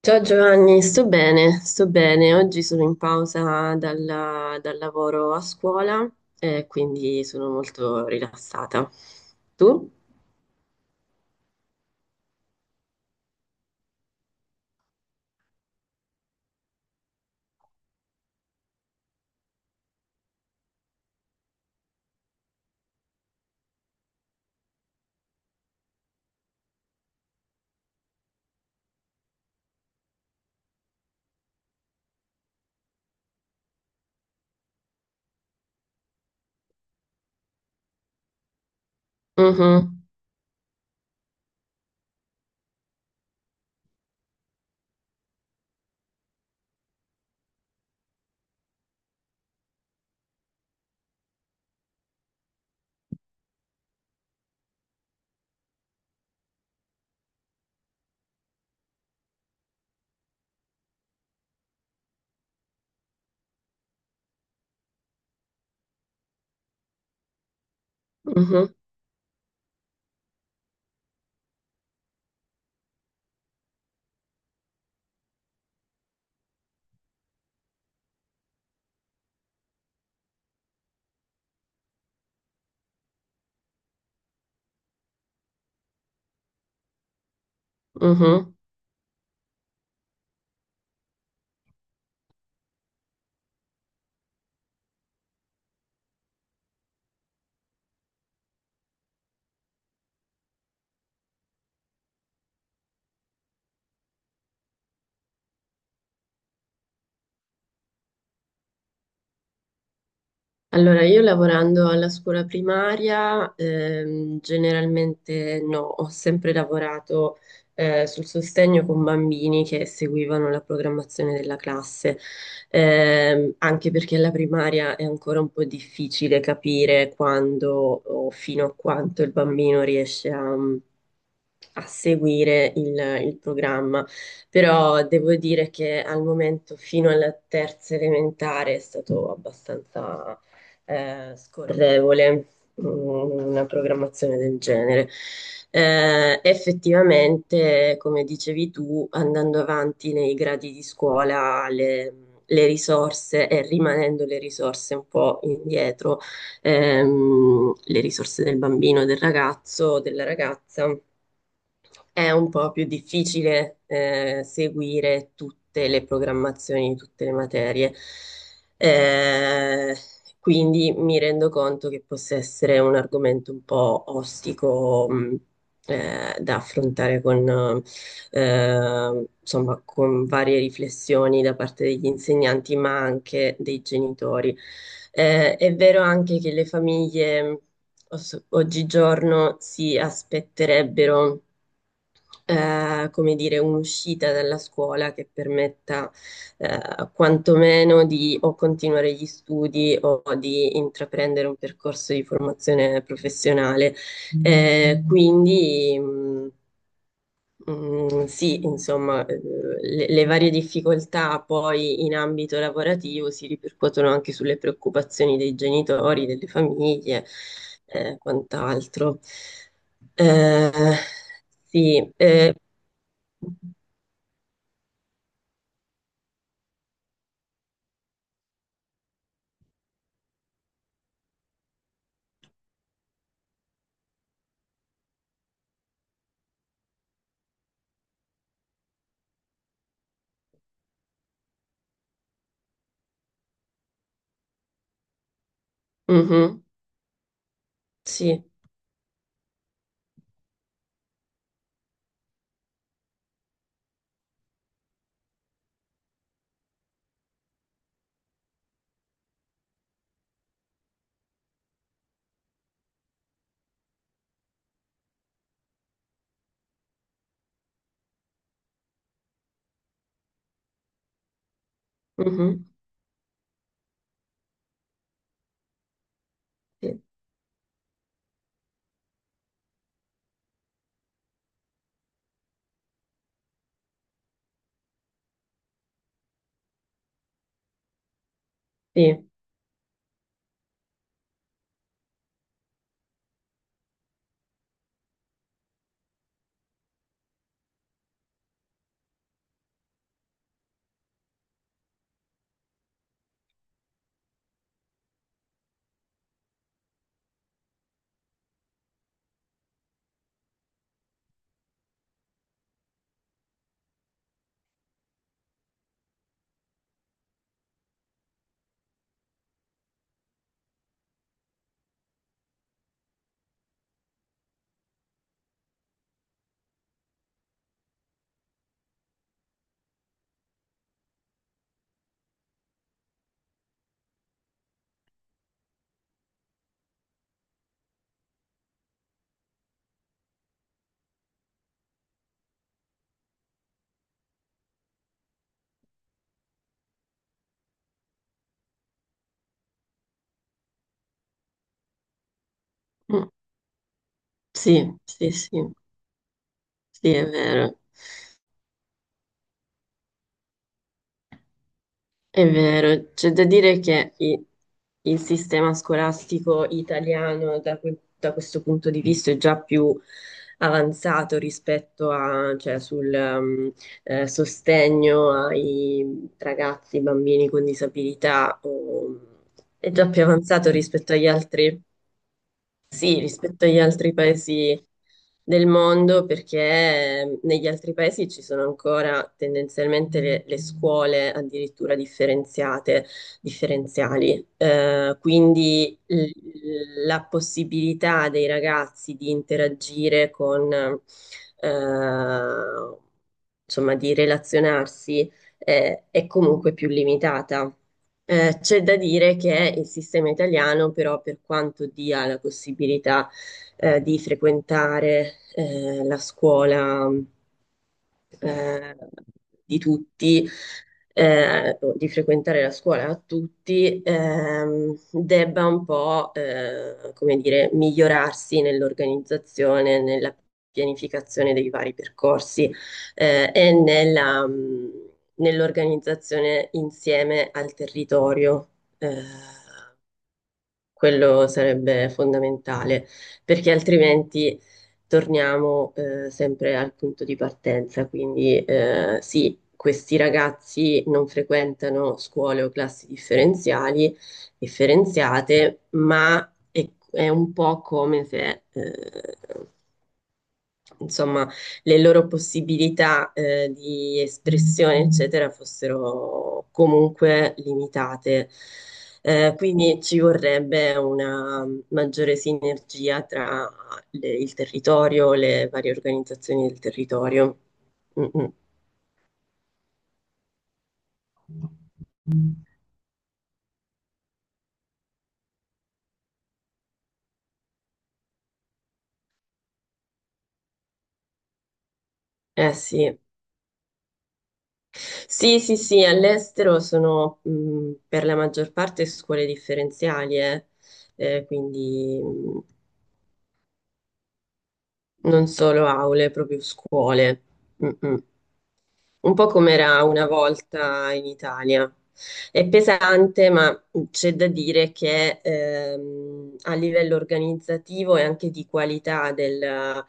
Ciao Giovanni, sto bene, sto bene. Oggi sono in pausa dal lavoro a scuola e quindi sono molto rilassata. Tu? Mhm. Mhm. Mhm. Allora, io lavorando alla scuola primaria, generalmente no, ho sempre lavorato sul sostegno con bambini che seguivano la programmazione della classe. Anche perché alla primaria è ancora un po' difficile capire quando o fino a quanto il bambino riesce a seguire il programma, però devo dire che al momento fino alla terza elementare è stato abbastanza scorrevole, mm, una programmazione del genere. Effettivamente, come dicevi tu, andando avanti nei gradi di scuola, le risorse e rimanendo le risorse un po' indietro, le risorse del bambino, del ragazzo, della ragazza è un po' più difficile seguire tutte le programmazioni di tutte le materie. Eh, quindi mi rendo conto che possa essere un argomento un po' ostico, da affrontare con, insomma, con varie riflessioni da parte degli insegnanti, ma anche dei genitori. È vero anche che le famiglie oggigiorno si aspetterebbero come dire, un'uscita dalla scuola che permetta quantomeno di o continuare gli studi o di intraprendere un percorso di formazione professionale. Quindi sì, insomma, le varie difficoltà poi in ambito lavorativo si ripercuotono anche sulle preoccupazioni dei genitori, delle famiglie, quant'altro. Eh, sì. Mhm. Sì. Mhm. Sì, sì. Mm. Sì, sì, sì, sì, è vero, è vero. C'è da dire che il sistema scolastico italiano da questo punto di vista è già più avanzato rispetto a, cioè, sul sostegno ai ragazzi, bambini con disabilità, è già più avanzato rispetto agli altri, sì, rispetto agli altri paesi del mondo, perché negli altri paesi ci sono ancora tendenzialmente le scuole addirittura differenziate, differenziali. Quindi la possibilità dei ragazzi di interagire con, insomma, di relazionarsi è comunque più limitata. C'è da dire che il sistema italiano, però, per quanto dia la possibilità, di frequentare, la scuola, eh, di tutti, o di frequentare la scuola a tutti, debba un po', come dire, migliorarsi nell'organizzazione, nella pianificazione dei vari percorsi, e nell'organizzazione insieme al territorio. Eh, Quello sarebbe fondamentale, perché altrimenti torniamo sempre al punto di partenza. Quindi sì, questi ragazzi non frequentano scuole o classi differenziali, differenziate, ma è un po' come se insomma, le loro possibilità di espressione, eccetera, fossero comunque limitate. Quindi ci vorrebbe una maggiore sinergia tra il territorio, le varie organizzazioni del territorio. Mm, mm. Eh sì. Sì, sì, sì, all'estero sono per la maggior parte scuole differenziali, eh. Quindi non solo aule, proprio scuole. Mm-mm. Un po' come era una volta in Italia. È pesante, ma c'è da dire che a livello organizzativo e anche di qualità del,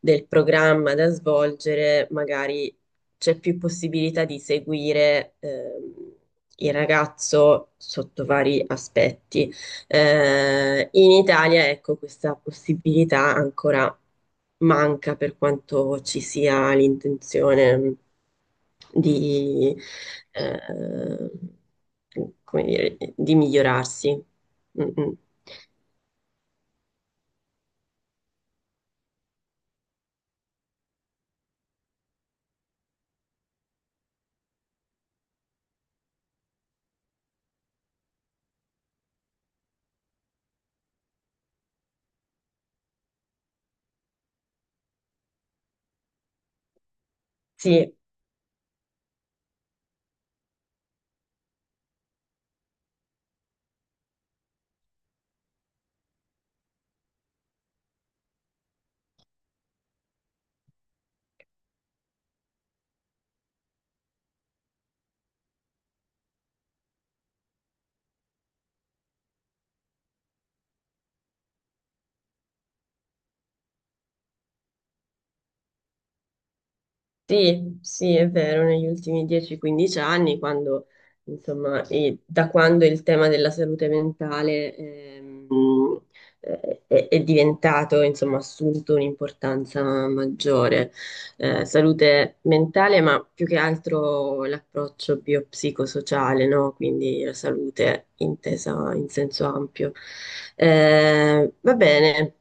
del programma da svolgere, magari c'è più possibilità di seguire il ragazzo sotto vari aspetti. In Italia, ecco, questa possibilità ancora manca per quanto ci sia l'intenzione di, eh, come dire, di migliorarsi. Mm, mm. Sì, sì, sì, è vero, negli ultimi 10-15 anni, quando, insomma, e da quando il tema della salute mentale è diventato, insomma, assunto un'importanza maggiore. Salute mentale, ma più che altro l'approccio biopsicosociale, no? Quindi la salute intesa in senso ampio. Va bene,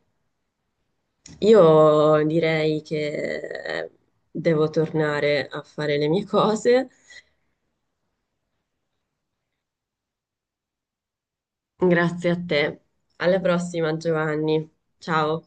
io direi che devo tornare a fare le mie cose. Grazie a te. Alla prossima, Giovanni. Ciao.